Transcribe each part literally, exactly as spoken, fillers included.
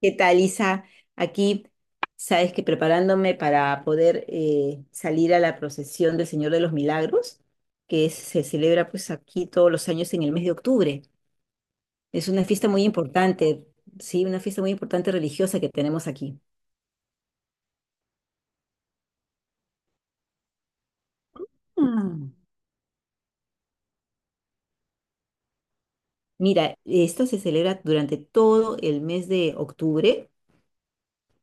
¿Qué tal, Isa? Aquí, sabes que preparándome para poder eh, salir a la procesión del Señor de los Milagros, que es- se celebra pues aquí todos los años en el mes de octubre. Es una fiesta muy importante, sí, una fiesta muy importante religiosa que tenemos aquí. Mm. Mira, esta se celebra durante todo el mes de octubre.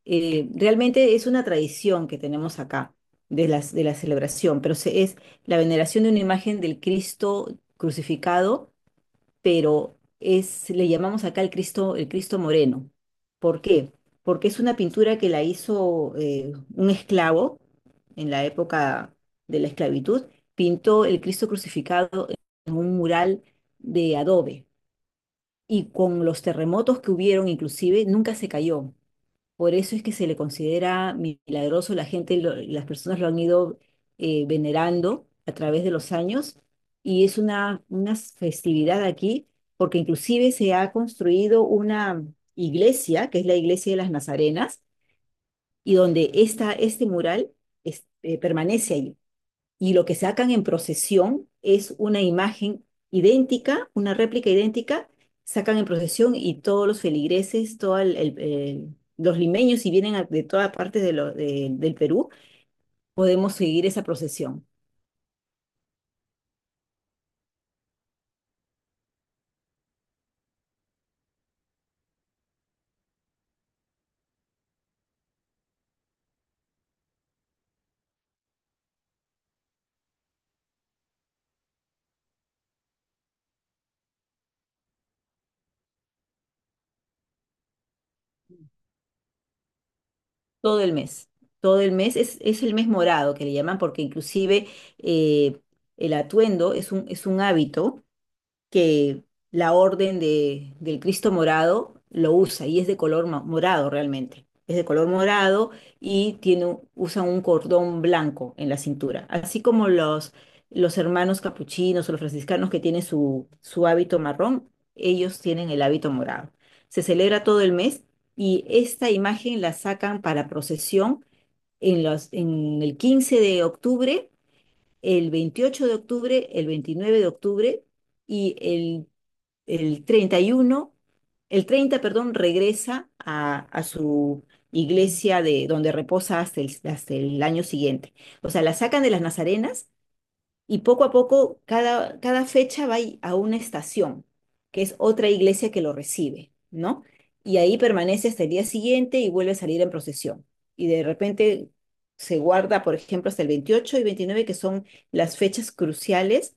Eh, realmente es una tradición que tenemos acá de las, de la celebración, pero se- es la veneración de una imagen del Cristo crucificado. Pero es, le llamamos acá el Cristo, el Cristo Moreno. ¿Por qué? Porque es una pintura que la hizo eh, un esclavo en la época de la esclavitud. Pintó el Cristo crucificado en un mural de adobe, y con los terremotos que hubieron inclusive nunca se cayó. Por eso es que se le considera milagroso. La gente, lo- las personas lo han ido eh, venerando a través de los años, y es una, una festividad aquí porque inclusive se ha construido una iglesia, que es la iglesia de las Nazarenas, y donde esta, este mural es- eh, permanece allí. Y lo que sacan en procesión es una imagen idéntica, una réplica idéntica. Sacan en procesión, y todos los feligreses, todos los limeños, si vienen a- de todas partes de lo- de- del Perú, podemos seguir esa procesión todo el mes. Todo el mes es, es, el mes morado que le llaman, porque inclusive eh, el atuendo es un, es un hábito que la orden de, del Cristo morado lo usa, y es de color ma- morado realmente. Es de color morado y tiene, un- usa un cordón blanco en la cintura, así como los, los hermanos capuchinos o los franciscanos que tienen su, su hábito marrón. Ellos tienen el hábito morado. Se celebra todo el mes y esta imagen la sacan para procesión en los, en el quince de octubre, el veintiocho de octubre, el veintinueve de octubre y el el treinta y uno, el treinta, perdón, regresa a, a su iglesia, de donde reposa hasta el, hasta el año siguiente. O sea, la sacan de las Nazarenas y poco a poco cada, cada fecha va a una estación, que es otra iglesia que lo recibe, ¿no? Y ahí permanece hasta el día siguiente y vuelve a salir en procesión. Y de repente se guarda, por ejemplo, hasta el veintiocho y veintinueve, que son las fechas cruciales,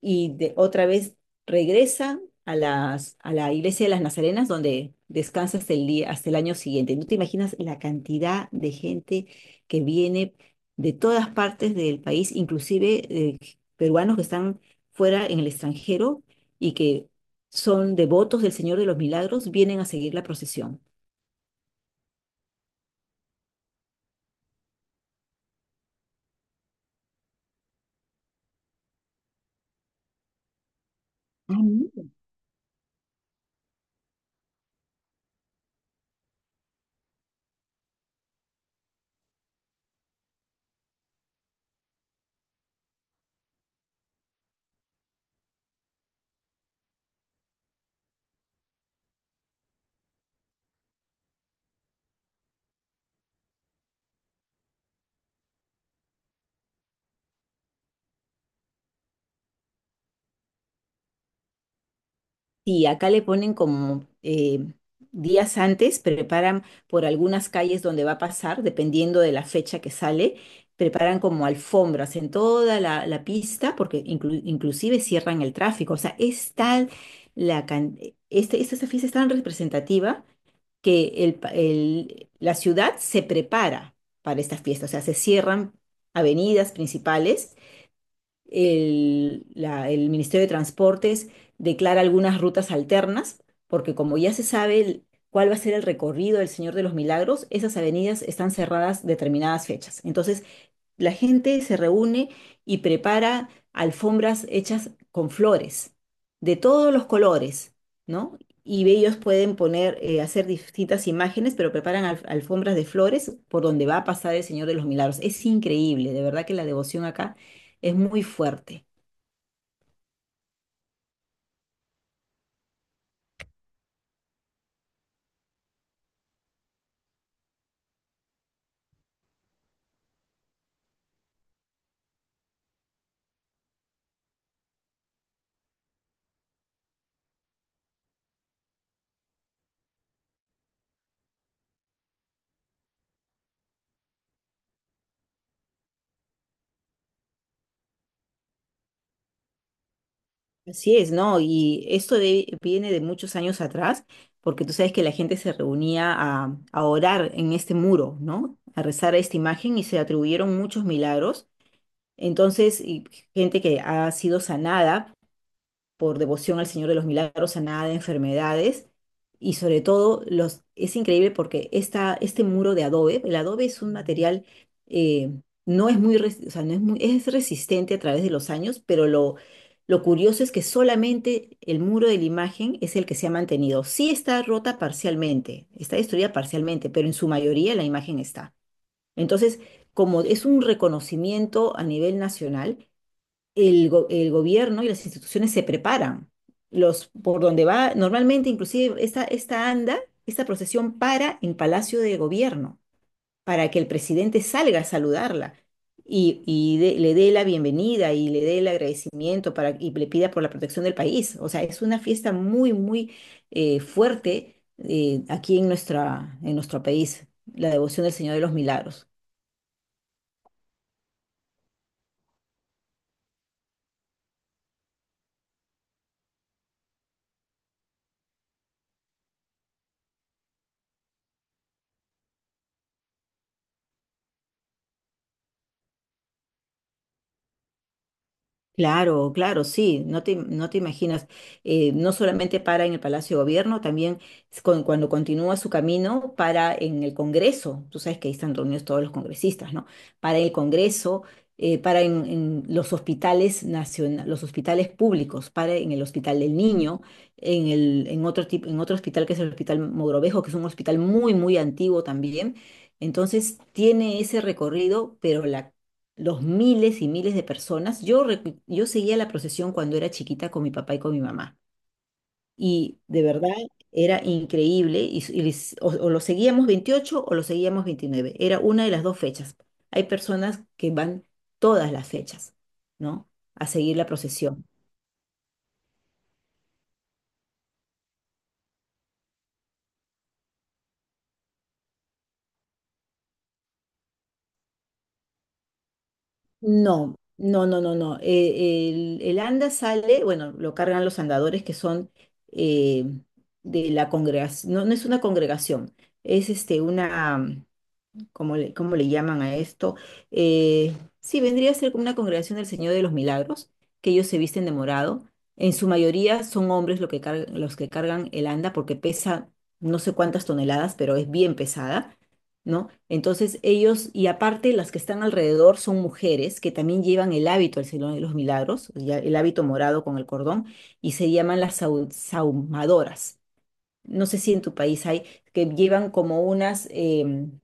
y de, otra vez regresa a, las, a la iglesia de las Nazarenas, donde descansa hasta el día, hasta el año siguiente. No te imaginas la cantidad de gente que viene de todas partes del país, inclusive eh, peruanos que están fuera en el extranjero y que son devotos del Señor de los Milagros, vienen a seguir la procesión. Sí, acá le ponen como eh, días antes, preparan por algunas calles donde va a pasar, dependiendo de la fecha que sale, preparan como alfombras en toda la, la pista, porque inclu- inclusive cierran el tráfico. O sea, es tal la can- este, esta, esta fiesta, es tan representativa que el, pa- el- la ciudad se prepara para esta fiesta. O sea, se cierran avenidas principales. El, la- el Ministerio de Transportes declara algunas rutas alternas, porque como ya se sabe el- cuál va a ser el recorrido del Señor de los Milagros, esas avenidas están cerradas determinadas fechas. Entonces, la gente se reúne y prepara alfombras hechas con flores de todos los colores, ¿no? Y ellos pueden poner, eh, hacer distintas imágenes, pero preparan alf- alfombras de flores por donde va a pasar el Señor de los Milagros. Es increíble, de verdad que la devoción acá es muy fuerte. Así es, ¿no? Y esto de- viene de muchos años atrás, porque tú sabes que la gente se reunía a, a orar en este muro, ¿no? A rezar a esta imagen, y se atribuyeron muchos milagros. Entonces, y gente que ha sido sanada por devoción al Señor de los Milagros, sanada de enfermedades. Y sobre todo, los, es increíble porque esta, este muro de adobe, el adobe es un material, eh, no es muy, res- o sea, no es muy, es resistente a través de los años. Pero lo, lo curioso es que solamente el muro de la imagen es el que se ha mantenido. Sí está rota parcialmente, está destruida parcialmente, pero en su mayoría la imagen está. Entonces, como es un reconocimiento a nivel nacional, el, go- el gobierno y las instituciones se preparan. Los, por donde va, normalmente inclusive esta, esta anda, esta procesión, para en Palacio de Gobierno, para que el presidente salga a saludarla y, y dé- le dé la bienvenida y le dé el agradecimiento para, y le pida por la protección del país. O sea, es una fiesta muy, muy eh, fuerte eh, aquí en, nuestra, en nuestro país, la devoción del Señor de los Milagros. Claro, claro, sí, no te, no te imaginas, eh, no solamente para en el Palacio de Gobierno, también es con- cuando continúa su camino, para en el Congreso. Tú sabes que ahí están reunidos todos los congresistas, ¿no? Para el Congreso, eh, para en, en los hospitales nacionales, los hospitales públicos, para en el Hospital del Niño, en el, en otro tipo, en otro hospital que es el Hospital Mogrovejo, que es un hospital muy, muy antiguo también. Entonces tiene ese recorrido, pero la, los miles y miles de personas. Yo, recu- yo seguía la procesión cuando era chiquita con mi papá y con mi mamá. Y de verdad era increíble. Y, s- y les- o, o lo seguíamos veintiocho o lo seguíamos veintinueve. Era una de las dos fechas. Hay personas que van todas las fechas, ¿no? A seguir la procesión. No, no, no, no, no. Eh, el, el anda sale, bueno, lo cargan los andadores que son eh, de la congregación. No, no es una congregación, es este, una. ¿cómo le, cómo le, llaman a esto? Eh, sí, vendría a ser como una congregación del Señor de los Milagros, que ellos se visten de morado. En su mayoría son hombres, lo que car- los que cargan el anda, porque pesa no sé cuántas toneladas, pero es bien pesada, ¿no? Entonces ellos, y aparte las que están alrededor son mujeres que también llevan el hábito del Señor de los Milagros, ya el hábito morado con el cordón, y se llaman las sau- sahumadoras. No sé si en tu país hay, que llevan como unas, em,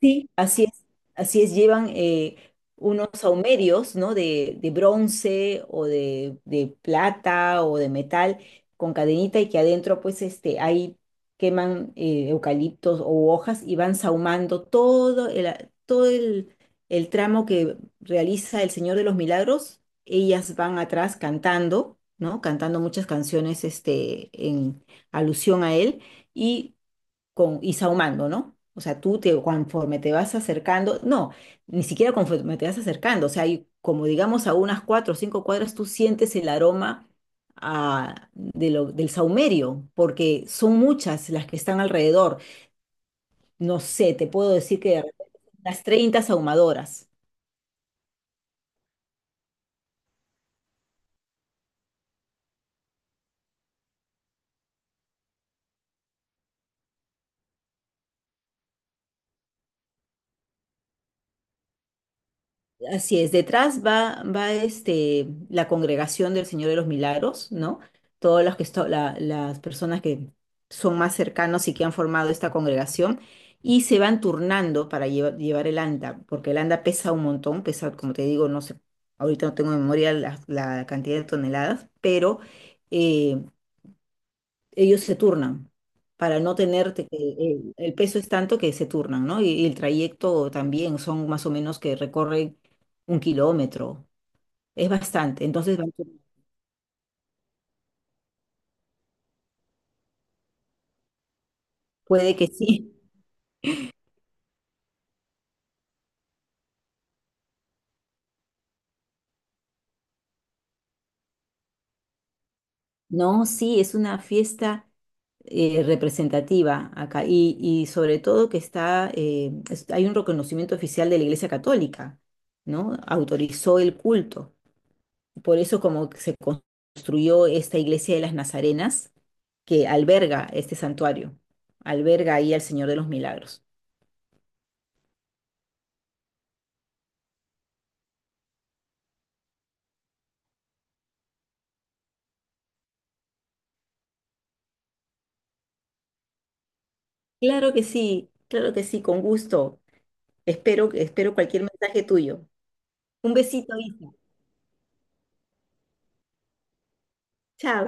sí, así es, así es, llevan eh, unos saumerios, ¿no? De, de bronce, o de, de plata, o de metal, con cadenita, y que adentro pues este, ahí queman eh, eucaliptos o hojas, y van saumando todo el, todo el, el tramo que realiza el Señor de los Milagros. Ellas van atrás cantando, ¿no? Cantando muchas canciones este, en alusión a él. Y con, y sahumando, ¿no? O sea, tú te, conforme te vas acercando, no, ni siquiera conforme te vas acercando, o sea, hay, como digamos, a unas cuatro o cinco cuadras, tú sientes el aroma, ah, de lo- del sahumerio, porque son muchas las que están alrededor. No sé, te puedo decir que de repente son unas sahumadoras. Así es, detrás va, va este, la congregación del Señor de los Milagros, ¿no? Todas las, que esto- la- las personas que son más cercanos y que han formado esta congregación y se van turnando para lleva- llevar el anda, porque el anda pesa un montón, pesa, como te digo, no sé, ahorita no tengo en memoria la, la cantidad de toneladas, pero eh, ellos se turnan para no tenerte que el, el peso es tanto que se turnan, ¿no? Y, y el trayecto también son más o menos que recorren un kilómetro, es bastante, entonces van turnados. Puede que sí. No, sí, es una fiesta eh, representativa acá, y, y sobre todo que está, eh, es- hay un reconocimiento oficial de la Iglesia Católica, ¿no? Autorizó el culto, por eso como que se construyó esta iglesia de las Nazarenas, que alberga este santuario, alberga ahí al Señor de los Milagros. Claro que sí, claro que sí, con gusto. Espero, espero cualquier mensaje tuyo. Un besito, Isa. Chao.